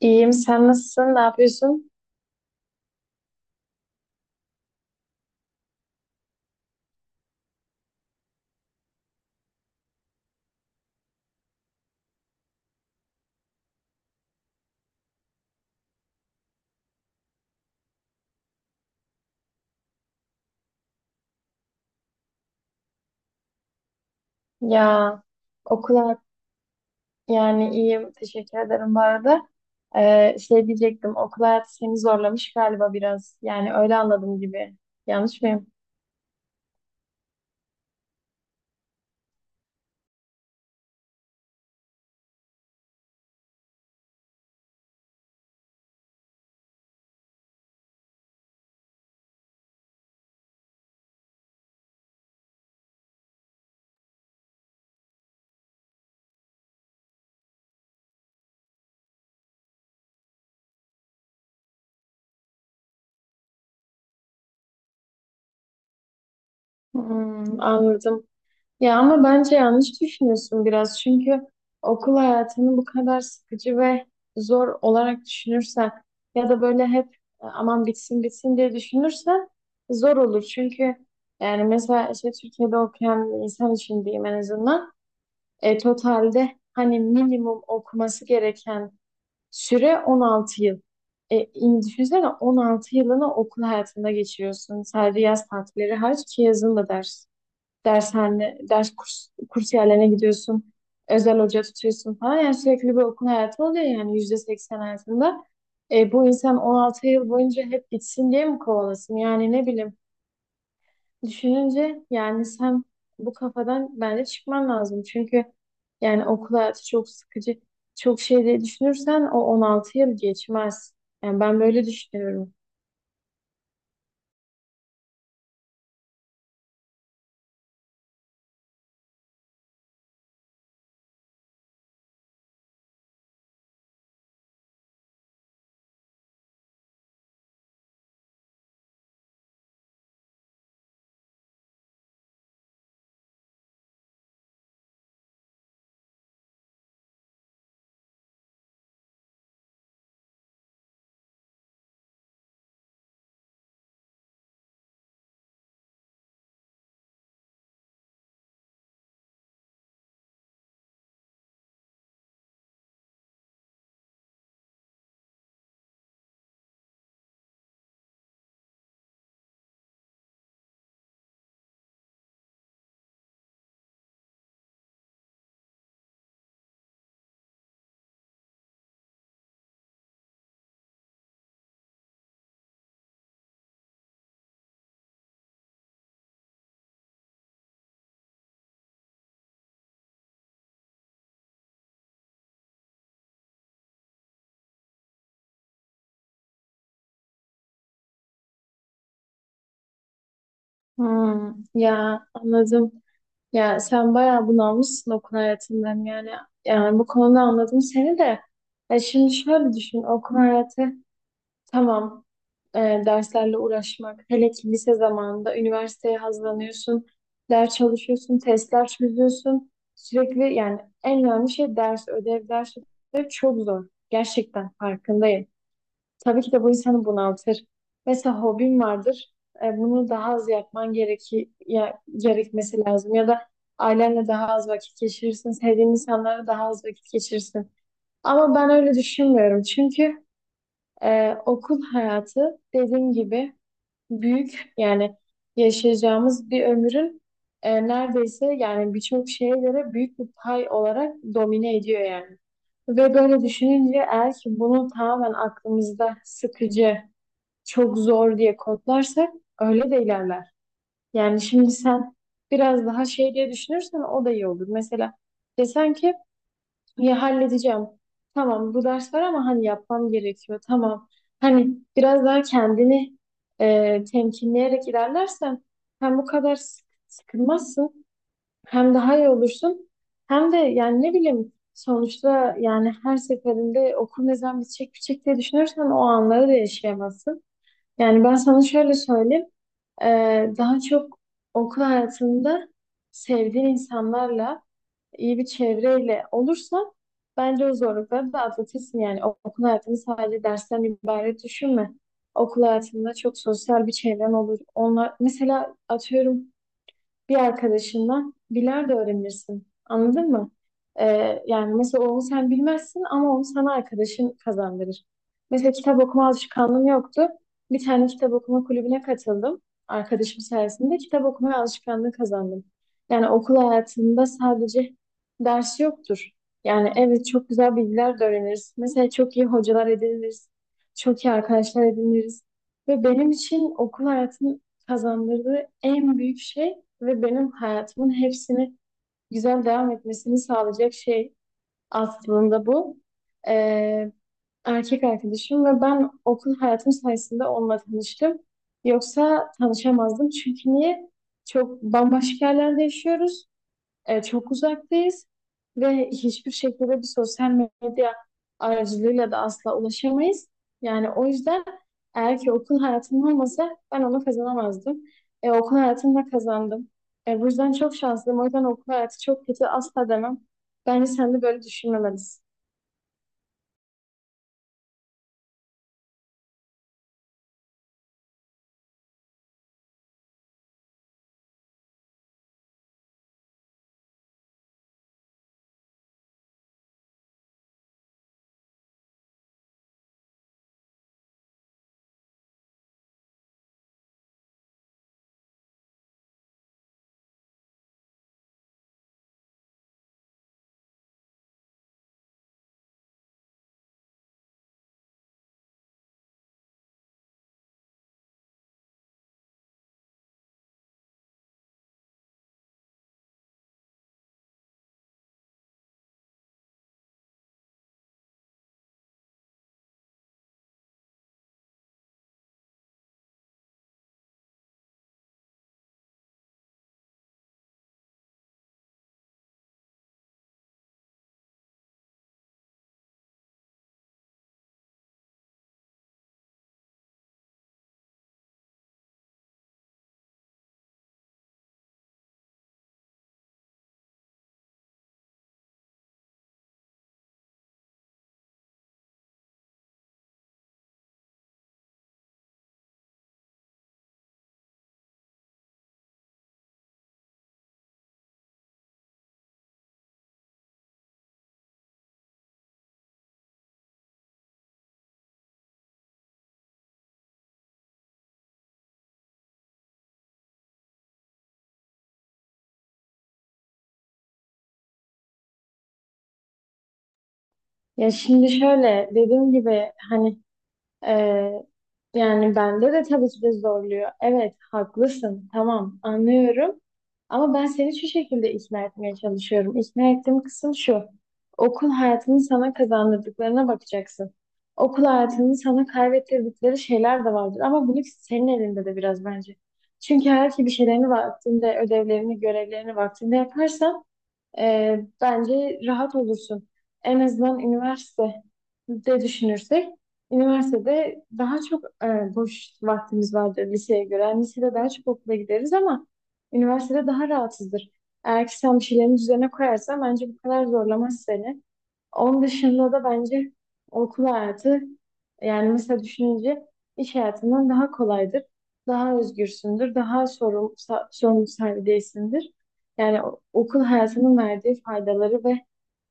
İyiyim. Sen nasılsın? Ne yapıyorsun? Ya okul hayat- yani iyiyim. Teşekkür ederim bu arada. Şey diyecektim. Okul hayatı seni zorlamış galiba biraz. Yani öyle anladım gibi. Yanlış mıyım? Hmm, anladım. Ya ama bence yanlış düşünüyorsun biraz. Çünkü okul hayatını bu kadar sıkıcı ve zor olarak düşünürsen ya da böyle hep "Aman bitsin bitsin diye düşünürsen zor olur. Çünkü yani mesela işte Türkiye'de okuyan bir insan için diyeyim en azından totalde hani minimum okuması gereken süre 16 yıl. Düşünsene 16 yılını okul hayatında geçiriyorsun. Sadece yaz tatilleri hariç ki yazın da ders dershane, ders kurs, kurs yerlerine gidiyorsun. Özel hoca tutuyorsun falan. Yani sürekli bir okul hayatı oluyor yani %80 hayatında. Bu insan 16 yıl boyunca hep gitsin diye mi kovalasın? Yani ne bileyim düşününce yani sen bu kafadan bence çıkman lazım. Çünkü yani okul hayatı çok sıkıcı, çok şey diye düşünürsen o 16 yıl geçmez. Yani ben böyle düşünüyorum. Hmm, ya anladım. Ya sen bayağı bunalmışsın okul hayatından yani. Yani bu konuda anladım seni de. Ya şimdi şöyle düşün, okul hayatı tamam, e, derslerle uğraşmak. Hele ki lise zamanında üniversiteye hazırlanıyorsun. Ders çalışıyorsun, testler çözüyorsun. Sürekli yani en önemli şey ders, ödev, ders ödev çok zor. Gerçekten farkındayım. Tabii ki de bu insanı bunaltır. Mesela hobin vardır. Bunu daha az yapman gerekmesi lazım. Ya da ailenle daha az vakit geçirirsin. Sevdiğin insanlara daha az vakit geçirirsin. Ama ben öyle düşünmüyorum. Çünkü okul hayatı dediğim gibi büyük yani yaşayacağımız bir ömrün neredeyse yani birçok şeye göre büyük bir pay olarak domine ediyor yani. Ve böyle düşününce eğer ki bunu tamamen aklımızda sıkıcı, çok zor diye kodlarsak öyle de ilerler. Yani şimdi sen biraz daha şey diye düşünürsen o da iyi olur. Mesela desen ki ya halledeceğim. Tamam, bu ders var ama hani yapmam gerekiyor. Tamam. Hani biraz daha kendini temkinleyerek ilerlersen hem bu kadar sıkılmazsın, hem daha iyi olursun, hem de yani ne bileyim, sonuçta yani her seferinde okul ne zaman bitecek bitecek diye düşünürsen o anları da yaşayamazsın. Yani ben sana şöyle söyleyeyim. Daha çok okul hayatında sevdiğin insanlarla, iyi bir çevreyle olursa bence o zorlukları da atlatırsın. Yani okul hayatını sadece dersten ibaret düşünme. Okul hayatında çok sosyal bir çevren olur. Onlar mesela atıyorum bir arkadaşından bilardo öğrenirsin. Anladın mı? Yani mesela onu sen bilmezsin ama onu sana arkadaşın kazandırır. Mesela kitap okuma alışkanlığım yoktu. Bir tane kitap okuma kulübüne katıldım. Arkadaşım sayesinde kitap okuma alışkanlığı kazandım. Yani okul hayatında sadece ders yoktur. Yani evet, çok güzel bilgiler de öğreniriz. Mesela çok iyi hocalar ediniriz. Çok iyi arkadaşlar ediniriz. Ve benim için okul hayatının kazandırdığı en büyük şey ve benim hayatımın hepsini güzel devam etmesini sağlayacak şey aslında bu. Ee, Erkek arkadaşım ve ben okul hayatım sayesinde onunla tanıştım. Yoksa tanışamazdım. Çünkü niye? Çok bambaşka yerlerde yaşıyoruz, çok uzaktayız ve hiçbir şekilde bir sosyal medya aracılığıyla da asla ulaşamayız. Yani o yüzden eğer ki okul hayatım olmasa ben onu kazanamazdım. Okul hayatımda kazandım. Bu yüzden çok şanslıyım. O yüzden okul hayatı çok kötü asla demem. Bence sen de böyle düşünmemelisin. Ya şimdi şöyle dediğim gibi, hani, Ee, yani bende de tabii ki de zorluyor. Evet, haklısın. Tamam, anlıyorum. Ama ben seni şu şekilde ikna etmeye çalışıyorum. İkna ettiğim kısım şu. Okul hayatının sana kazandırdıklarına bakacaksın. Okul hayatının sana kaybettirdikleri şeyler de vardır. Ama bunu senin elinde de biraz, bence. Çünkü eğer ki bir şeylerini vaktinde, ödevlerini, görevlerini vaktinde yaparsan bence rahat olursun. En azından üniversite de düşünürsek, üniversitede daha çok boş vaktimiz vardır liseye göre. Yani lisede daha çok okula gideriz ama üniversitede daha rahatsızdır. Eğer ki sen bir şeylerin düzene koyarsan bence bu kadar zorlamaz seni. Onun dışında da bence okul hayatı, yani mesela düşününce, iş hayatından daha kolaydır. Daha özgürsündür. Daha sorumlu sahibi değilsindir. Yani okul hayatının verdiği faydaları ve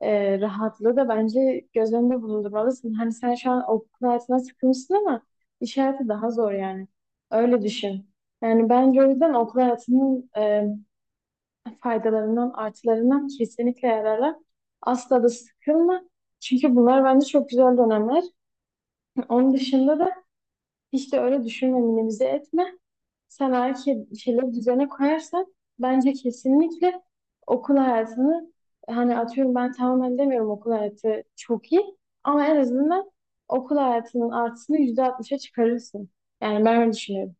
rahatlığı da bence göz önünde bulundurmalısın. Hani sen şu an okul hayatına sıkılmışsın ama iş hayatı daha zor yani. Öyle düşün. Yani bence o yüzden okul hayatının faydalarından, artılarından kesinlikle yararlan. Asla da sıkılma. Çünkü bunlar bence çok güzel dönemler. Onun dışında da hiç de öyle düşünme, minimize etme. Sen eğer ki bir şeyleri düzene koyarsan bence kesinlikle okul hayatını, hani, atıyorum, ben tamamen demiyorum okul hayatı çok iyi ama en azından okul hayatının artısını %60'a çıkarırsın. Yani ben öyle düşünüyorum.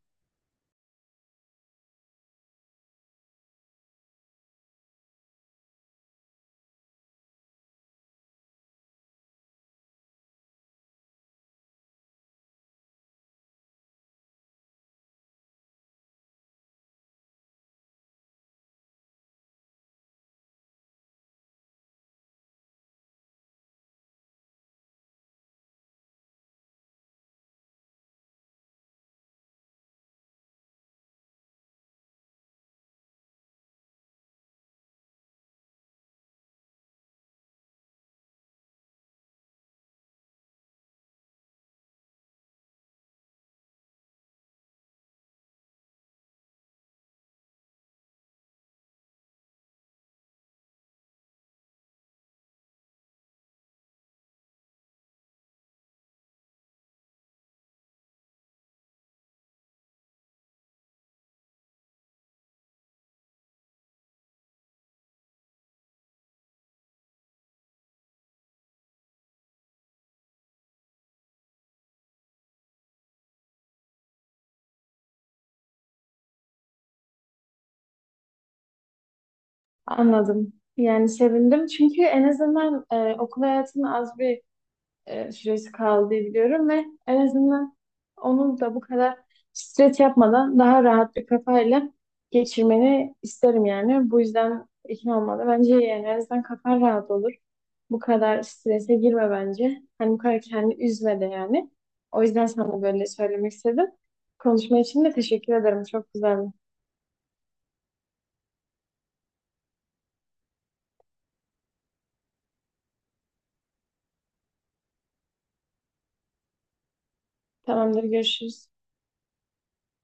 Anladım. Yani sevindim, çünkü en azından okul hayatını az bir süresi kaldı diye biliyorum ve en azından onu da bu kadar stres yapmadan daha rahat bir kafayla geçirmeni isterim yani. Bu yüzden ikna olmadı. Bence yani en azından kafan rahat olur. Bu kadar strese girme bence. Hani bu kadar kendini üzme de yani. O yüzden sana böyle söylemek istedim. Konuşma için de teşekkür ederim. Çok güzeldi. Tamamdır, görüşürüz.